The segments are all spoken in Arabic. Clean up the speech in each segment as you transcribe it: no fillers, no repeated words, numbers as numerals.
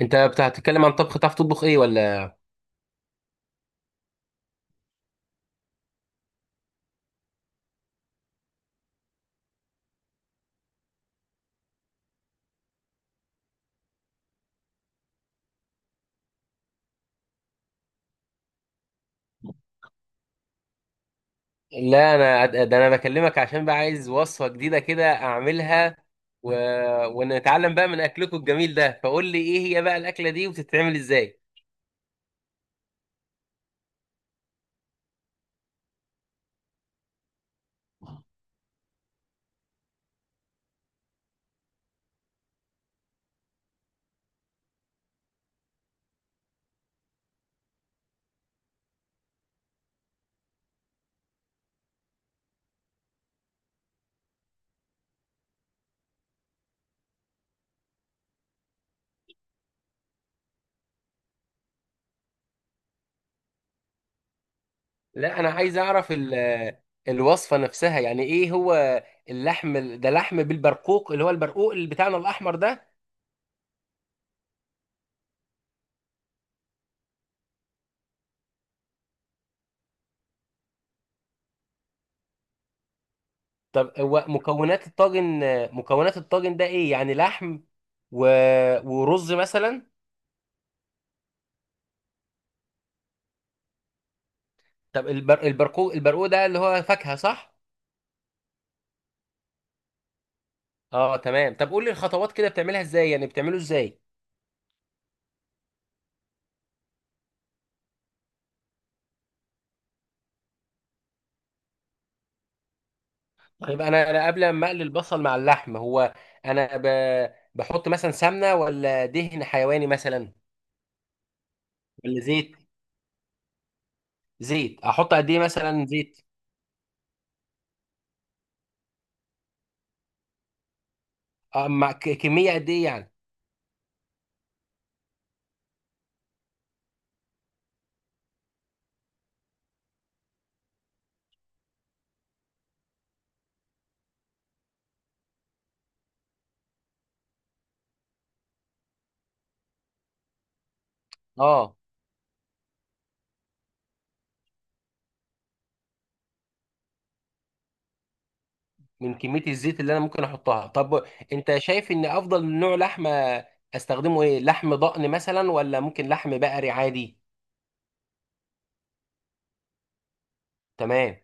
انت بتتكلم عن طبخ، تعرف تطبخ ايه ولا؟ لا، انا بكلمك عشان بقى عايز وصفة جديدة كده اعملها و... ونتعلم بقى من اكلكم الجميل ده. فقول لي ايه هي بقى الاكلة دي وبتتعمل ازاي؟ لا، انا عايز اعرف الوصفة نفسها، يعني ايه هو اللحم ده؟ لحم بالبرقوق، اللي هو البرقوق اللي بتاعنا الاحمر ده؟ طب هو مكونات الطاجن، مكونات الطاجن ده ايه؟ يعني لحم و... ورز مثلا؟ طب البرقوق، البرقوق ده اللي هو فاكهة صح؟ اه تمام. طب قول لي الخطوات كده بتعملها ازاي، يعني بتعمله ازاي؟ طيب انا قبل ما اقلي البصل مع اللحم، هو انا ب... بحط مثلا سمنه ولا دهن حيواني مثلا ولا زيت؟ زيت احط قد ايه مثلا زيت؟ آه، مع كميه قد ايه يعني؟ اه، من كميه الزيت اللي انا ممكن احطها. طب انت شايف ان افضل نوع لحمه استخدمه ايه؟ لحم ضأن مثلا ولا ممكن لحم بقري عادي؟ تمام.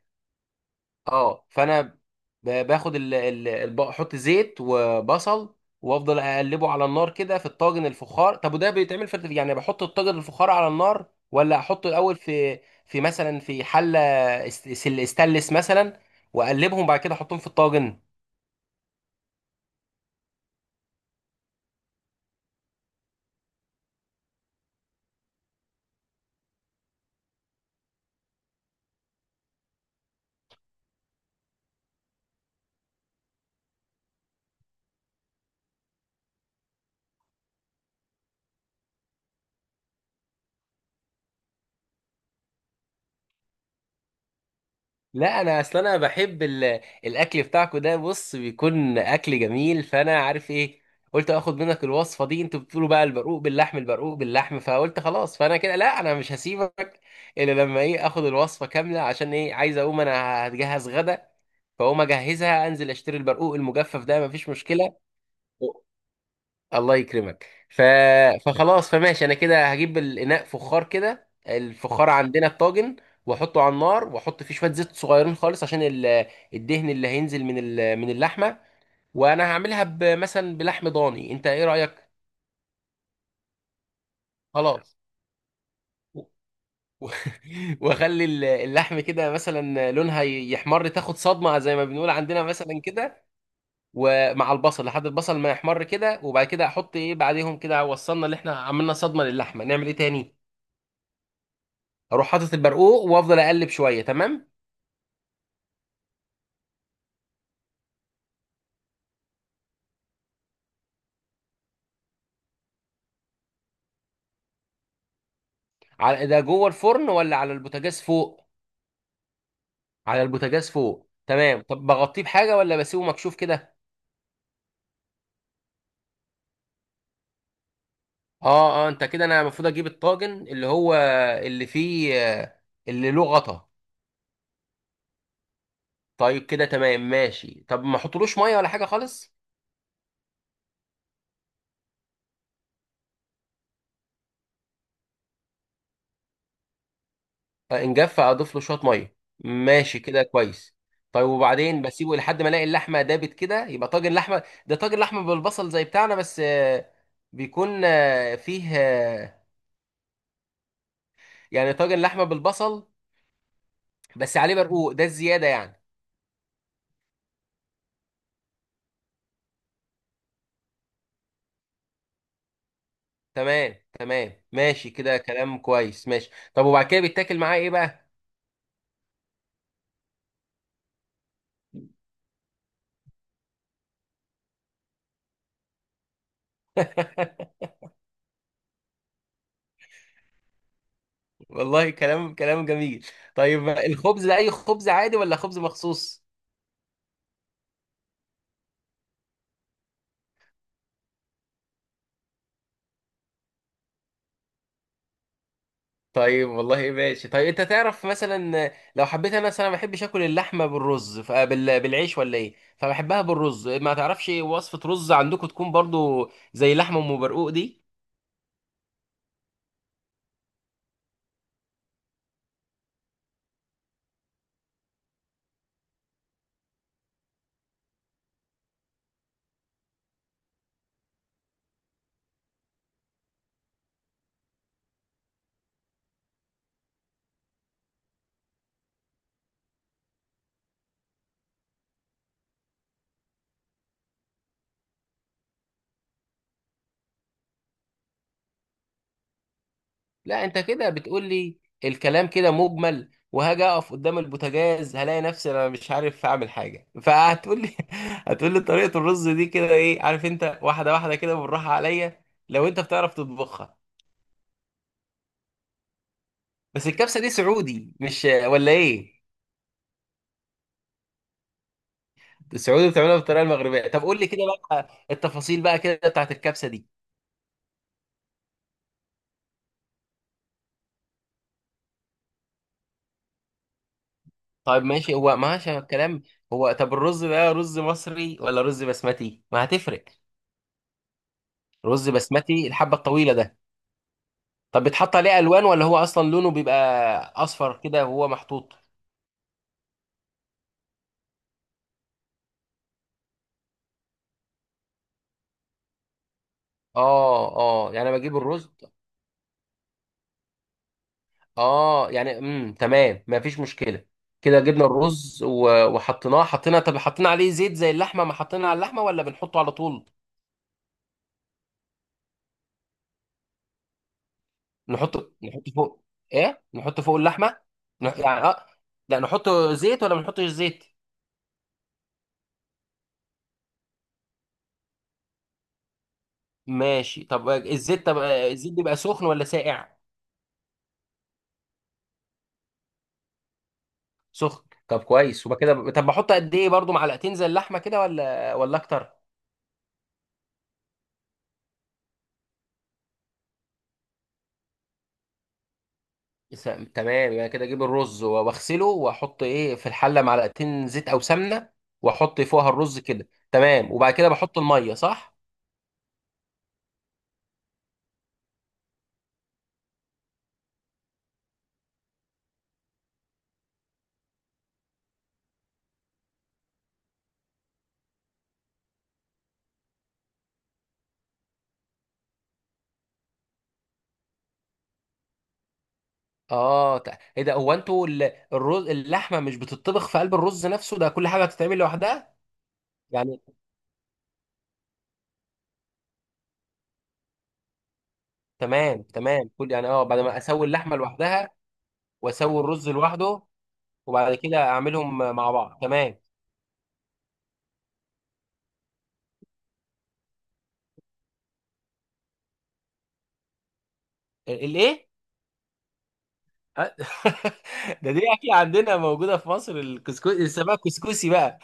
اه، فانا باخد احط زيت وبصل وافضل اقلبه على النار كده في الطاجن الفخار. طب وده بيتعمل في، يعني بحط الطاجن الفخار على النار ولا احطه الاول في في مثلا في حله است- ستانلس مثلا واقلبهم بعد كده احطهم في الطاجن؟ لا انا اصل انا بحب الاكل بتاعكو ده، بص، بيكون اكل جميل، فانا عارف ايه، قلت اخد منك الوصفه دي. انتوا بتقولوا بقى البرقوق باللحم، البرقوق باللحم، فقلت خلاص. فانا كده لا، انا مش هسيبك الا لما ايه، اخد الوصفه كامله، عشان ايه، عايز اقوم انا هتجهز غدا، فاقوم اجهزها، انزل اشتري البرقوق المجفف ده، مفيش مشكله. الله يكرمك. فخلاص، فماشي، انا كده هجيب الاناء فخار كده، الفخار عندنا الطاجن، واحطه على النار، واحط فيه شويه زيت صغيرين خالص عشان الدهن اللي هينزل من من اللحمه، وانا هعملها مثلا بلحم ضاني، انت ايه رايك؟ خلاص. و- و- واخلي اللحم كده مثلا لونها يحمر، تاخد صدمه زي ما بنقول عندنا مثلا كده، ومع البصل لحد البصل ما يحمر كده، وبعد كده احط ايه بعديهم كده؟ وصلنا اللي احنا عملنا صدمه للحمه، نعمل ايه تاني؟ اروح حاطط البرقوق وافضل اقلب شويه، تمام. على ده جوه الفرن ولا على البوتاجاز فوق؟ على البوتاجاز فوق، تمام. طب بغطيه بحاجه ولا بسيبه مكشوف كده؟ اه اه، انت كده انا المفروض اجيب الطاجن اللي هو اللي فيه اللي له غطا. طيب كده تمام، ماشي. طب ما احطلوش ميه ولا حاجه خالص؟ ان جف اضيف له شويه ميه. ماشي كده كويس. طيب وبعدين بسيبه لحد ما الاقي اللحمه دابت كده، يبقى طاجن لحمه. ده طاجن لحمه بالبصل زي بتاعنا، بس بيكون فيه يعني طاجن لحمه بالبصل بس عليه برقوق، ده الزياده يعني. تمام تمام، ماشي كده، كلام كويس. ماشي طب وبعد كده بيتاكل معاه ايه بقى؟ والله كلام، كلام جميل. طيب الخبز ده اي خبز عادي ولا خبز مخصوص؟ طيب والله، ماشي. طيب انت تعرف مثلا لو حبيت انا مثلا، ما بحبش اكل اللحمه بالرز، بالعيش ولا ايه، فبحبها بالرز، ما تعرفش وصفه رز عندكم تكون برضو زي لحمه ام برقوق دي؟ لا انت كده بتقول لي الكلام كده مجمل، وهاجي اقف قدام البوتاجاز هلاقي نفسي انا مش عارف اعمل حاجه، فهتقول لي هتقول لي طريقه الرز دي كده، ايه عارف، انت واحده واحده كده بالراحه عليا، لو انت بتعرف تطبخها. بس الكبسه دي سعودي مش ولا ايه؟ السعودي بتعملها بالطريقه المغربيه؟ طب قول لي كده بقى التفاصيل بقى كده بتاعت الكبسه دي. طيب ماشي، هو ماشي الكلام. هو طب الرز ده رز مصري ولا رز بسمتي؟ ما هتفرق؟ رز بسمتي الحبه الطويله ده؟ طب بتحط عليه الوان ولا هو اصلا لونه بيبقى اصفر كده وهو محطوط؟ اه اه، يعني أنا بجيب الرز. اه يعني امم، تمام، ما فيش مشكله. كده جبنا الرز وحطيناه، حطينا، طب حطينا عليه زيت زي اللحمه ما حطينا على اللحمه ولا بنحطه على طول؟ نحط، نحط فوق ايه؟ نحط فوق اللحمه؟ يعني اه، لا نحط زيت ولا ما نحطش زيت؟ ماشي. طب الزيت، طب الزيت بيبقى سخن ولا ساقع؟ سخن، طب كويس. وبقى كده طب بحط قد ايه، برضو معلقتين زي اللحمه كده ولا اكتر؟ س- تمام، يعني كده اجيب الرز واغسله واحط ايه في الحله، معلقتين زيت او سمنه، واحط فوقها الرز كده تمام، وبعد كده بحط الميه صح؟ اه ايه ده، هو انتوا الرز اللحمه مش بتطبخ في قلب الرز نفسه، ده كل حاجه هتتعمل لوحدها يعني؟ تمام تمام، كل يعني اه بعد ما اسوي اللحمه لوحدها واسوي الرز لوحده وبعد كده اعملهم مع بعض، تمام. الايه؟ أ- ده دي اكيد عندنا موجوده في مصر، الكسكسي السمك كسكسي بقى.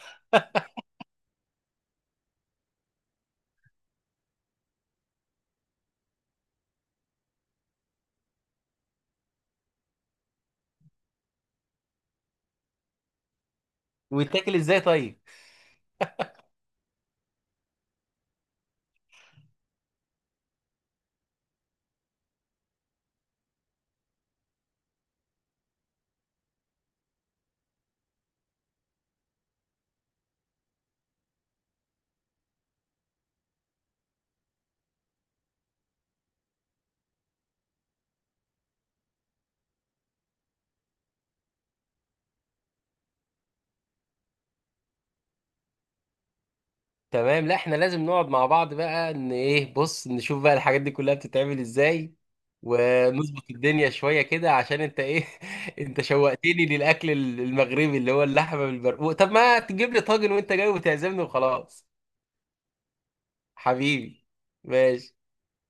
ويتاكل ازاي طيب؟ تمام. لا احنا لازم نقعد مع بعض بقى، ان ايه، بص نشوف بقى الحاجات دي كلها بتتعمل ازاي، ونظبط الدنيا شوية كده عشان انت ايه انت شوقتني للاكل المغربي اللي هو اللحمة بالبرقوق. طب ما تجيب لي طاجن وانت جاي وتعزمني وخلاص. حبيبي، ماشي.